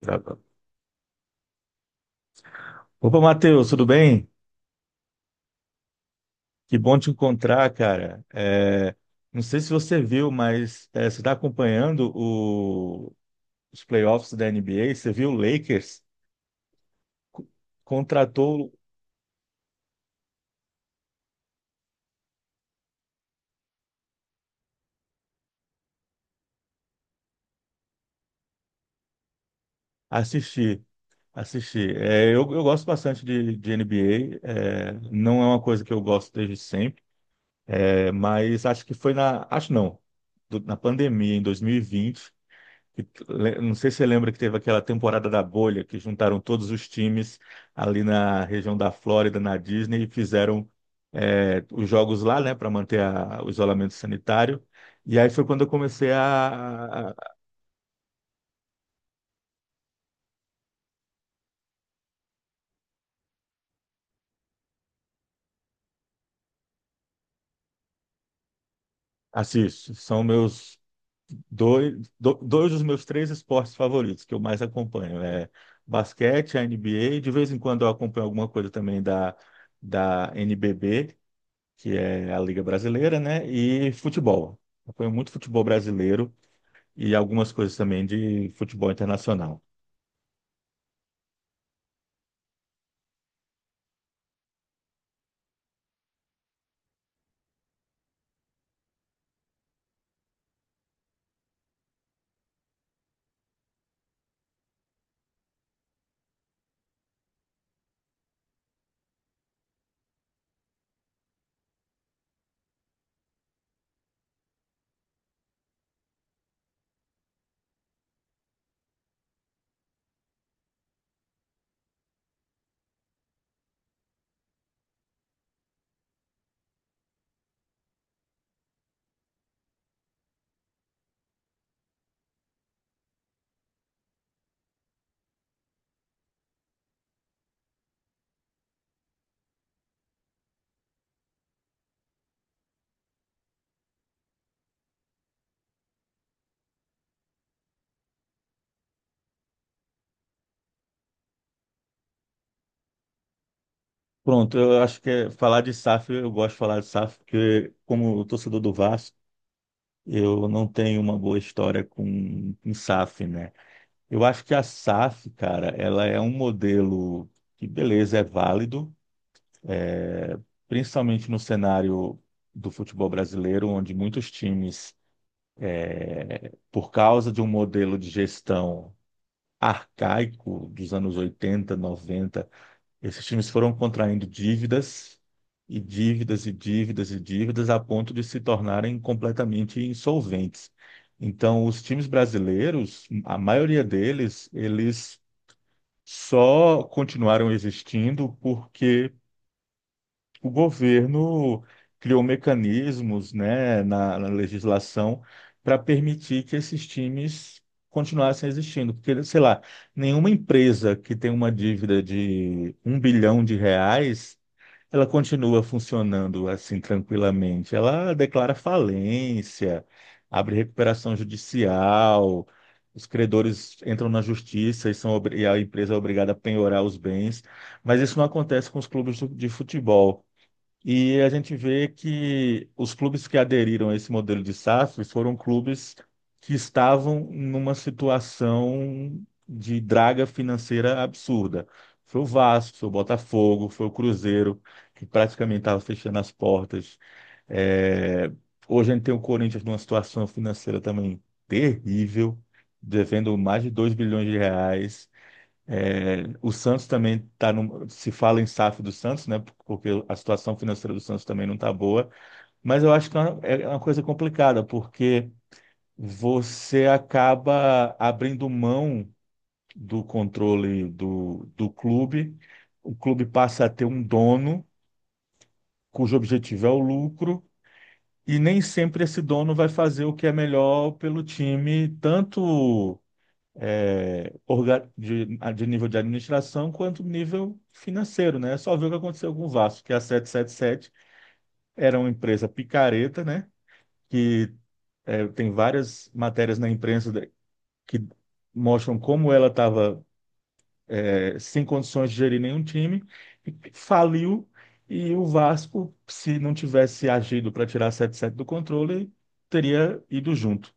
Gravando. Opa, Matheus, tudo bem? Que bom te encontrar, cara. Não sei se você viu, mas você está acompanhando os playoffs da NBA. Você viu o Lakers co- contratou assistir, assistir. Eu gosto bastante de NBA. Não é uma coisa que eu gosto desde sempre, mas acho que foi na, acho não, na pandemia em 2020. Não sei se você lembra que teve aquela temporada da bolha que juntaram todos os times ali na região da Flórida, na Disney, e fizeram os jogos lá, né, para manter o isolamento sanitário. E aí foi quando eu comecei a assistir. São meus dois dos meus 3 esportes favoritos que eu mais acompanho. Basquete, a NBA, de vez em quando eu acompanho alguma coisa também da NBB, que é a Liga Brasileira, né? E futebol. Acompanho muito futebol brasileiro e algumas coisas também de futebol internacional. Pronto, eu acho que falar de SAF, eu gosto de falar de SAF, porque como torcedor do Vasco, eu não tenho uma boa história com SAF, né? Eu acho que a SAF, cara, ela é um modelo que, beleza, é válido, principalmente no cenário do futebol brasileiro, onde muitos times, por causa de um modelo de gestão arcaico dos anos 80 90, esses times foram contraindo dívidas e dívidas e dívidas e dívidas a ponto de se tornarem completamente insolventes. Então, os times brasileiros, a maioria deles, eles só continuaram existindo porque o governo criou mecanismos, né, na legislação para permitir que esses times continuassem existindo, porque, sei lá, nenhuma empresa que tem uma dívida de 1 bilhão de reais, ela continua funcionando assim tranquilamente. Ela declara falência, abre recuperação judicial. Os credores entram na justiça e, e a empresa é obrigada a penhorar os bens, mas isso não acontece com os clubes de futebol. E a gente vê que os clubes que aderiram a esse modelo de SAF foram clubes que estavam numa situação de draga financeira absurda. Foi o Vasco, foi o Botafogo, foi o Cruzeiro, que praticamente estava fechando as portas. É, Hoje a gente tem o Corinthians numa situação financeira também terrível, devendo mais de 2 bilhões de reais. O Santos também está no. Se fala em SAF do Santos, né? Porque a situação financeira do Santos também não está boa. Mas eu acho que é uma coisa complicada, porque você acaba abrindo mão do controle do clube. O clube passa a ter um dono cujo objetivo é o lucro, e nem sempre esse dono vai fazer o que é melhor pelo time, tanto é, orga- de, de nível de administração quanto nível financeiro, né? É só ver o que aconteceu com o Vasco, que a Sete Sete Sete era uma empresa picareta, né? Que Tem várias matérias na imprensa que mostram como ela estava sem condições de gerir nenhum time, e faliu, e o Vasco, se não tivesse agido para tirar a Sete Sete do controle, teria ido junto.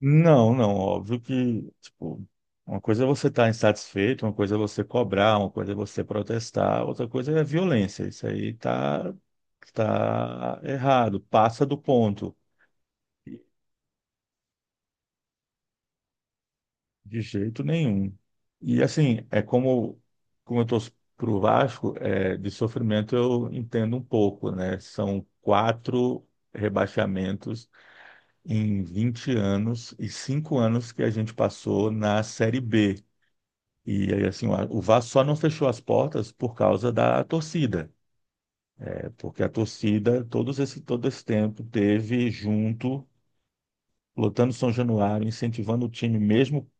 Não, não, óbvio que, tipo, uma coisa é você estar insatisfeito, uma coisa é você cobrar, uma coisa é você protestar, outra coisa é violência. Isso aí tá, tá errado, passa do ponto, de jeito nenhum. E assim, é como, como eu torço pro Vasco, é, de sofrimento eu entendo um pouco, né? São 4 rebaixamentos em 20 anos e 5 anos que a gente passou na Série B. E aí, assim, o Vasco só não fechou as portas por causa da torcida, é porque a torcida, todo esse tempo, teve junto, lotando São Januário, incentivando o time, mesmo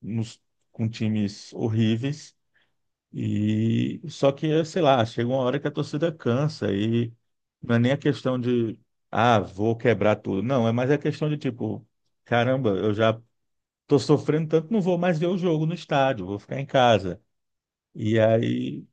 nos, com times horríveis. E só que, sei lá, chega uma hora que a torcida cansa e não é nem a questão de, ah, vou quebrar tudo. Não, é mais a questão de tipo, caramba, eu já tô sofrendo tanto, não vou mais ver o jogo no estádio, vou ficar em casa. E aí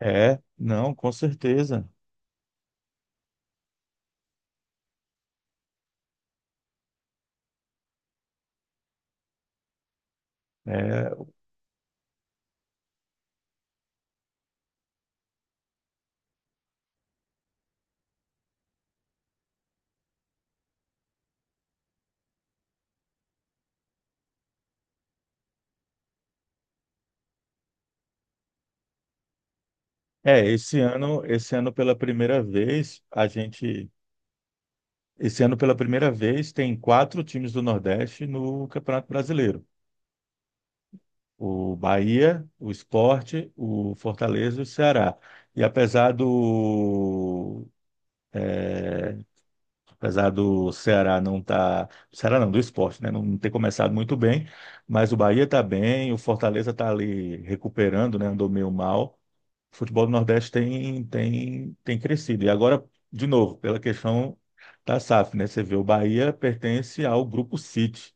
é, não, com certeza. É, esse ano pela primeira vez, esse ano pela primeira vez tem 4 times do Nordeste no Campeonato Brasileiro. O Bahia, o Sport, o Fortaleza e o Ceará. E apesar do Ceará não tá, Ceará não, do Sport, né, não ter começado muito bem, mas o Bahia está bem, o Fortaleza está ali recuperando, né, andou meio mal. O futebol do Nordeste tem crescido. E agora, de novo, pela questão da SAF, né? Você vê, o Bahia pertence ao grupo City,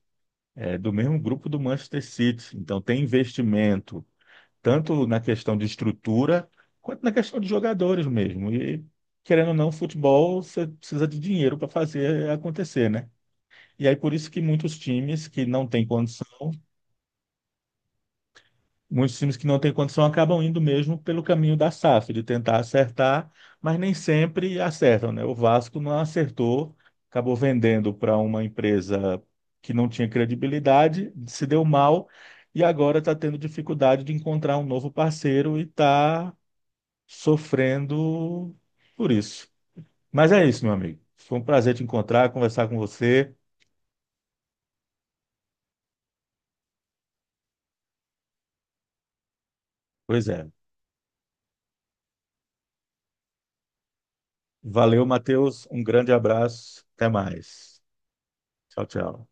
é, do mesmo grupo do Manchester City. Então, tem investimento, tanto na questão de estrutura, quanto na questão de jogadores mesmo. E, querendo ou não, futebol, você precisa de dinheiro para fazer acontecer, né? E aí, por isso que muitos times que não têm condição Muitos times que não têm condição acabam indo mesmo pelo caminho da SAF, de tentar acertar, mas nem sempre acertam, né? O Vasco não acertou, acabou vendendo para uma empresa que não tinha credibilidade, se deu mal e agora está tendo dificuldade de encontrar um novo parceiro e está sofrendo por isso. Mas é isso, meu amigo. Foi um prazer te encontrar, conversar com você. Pois é. Valeu, Matheus. Um grande abraço. Até mais. Tchau, tchau.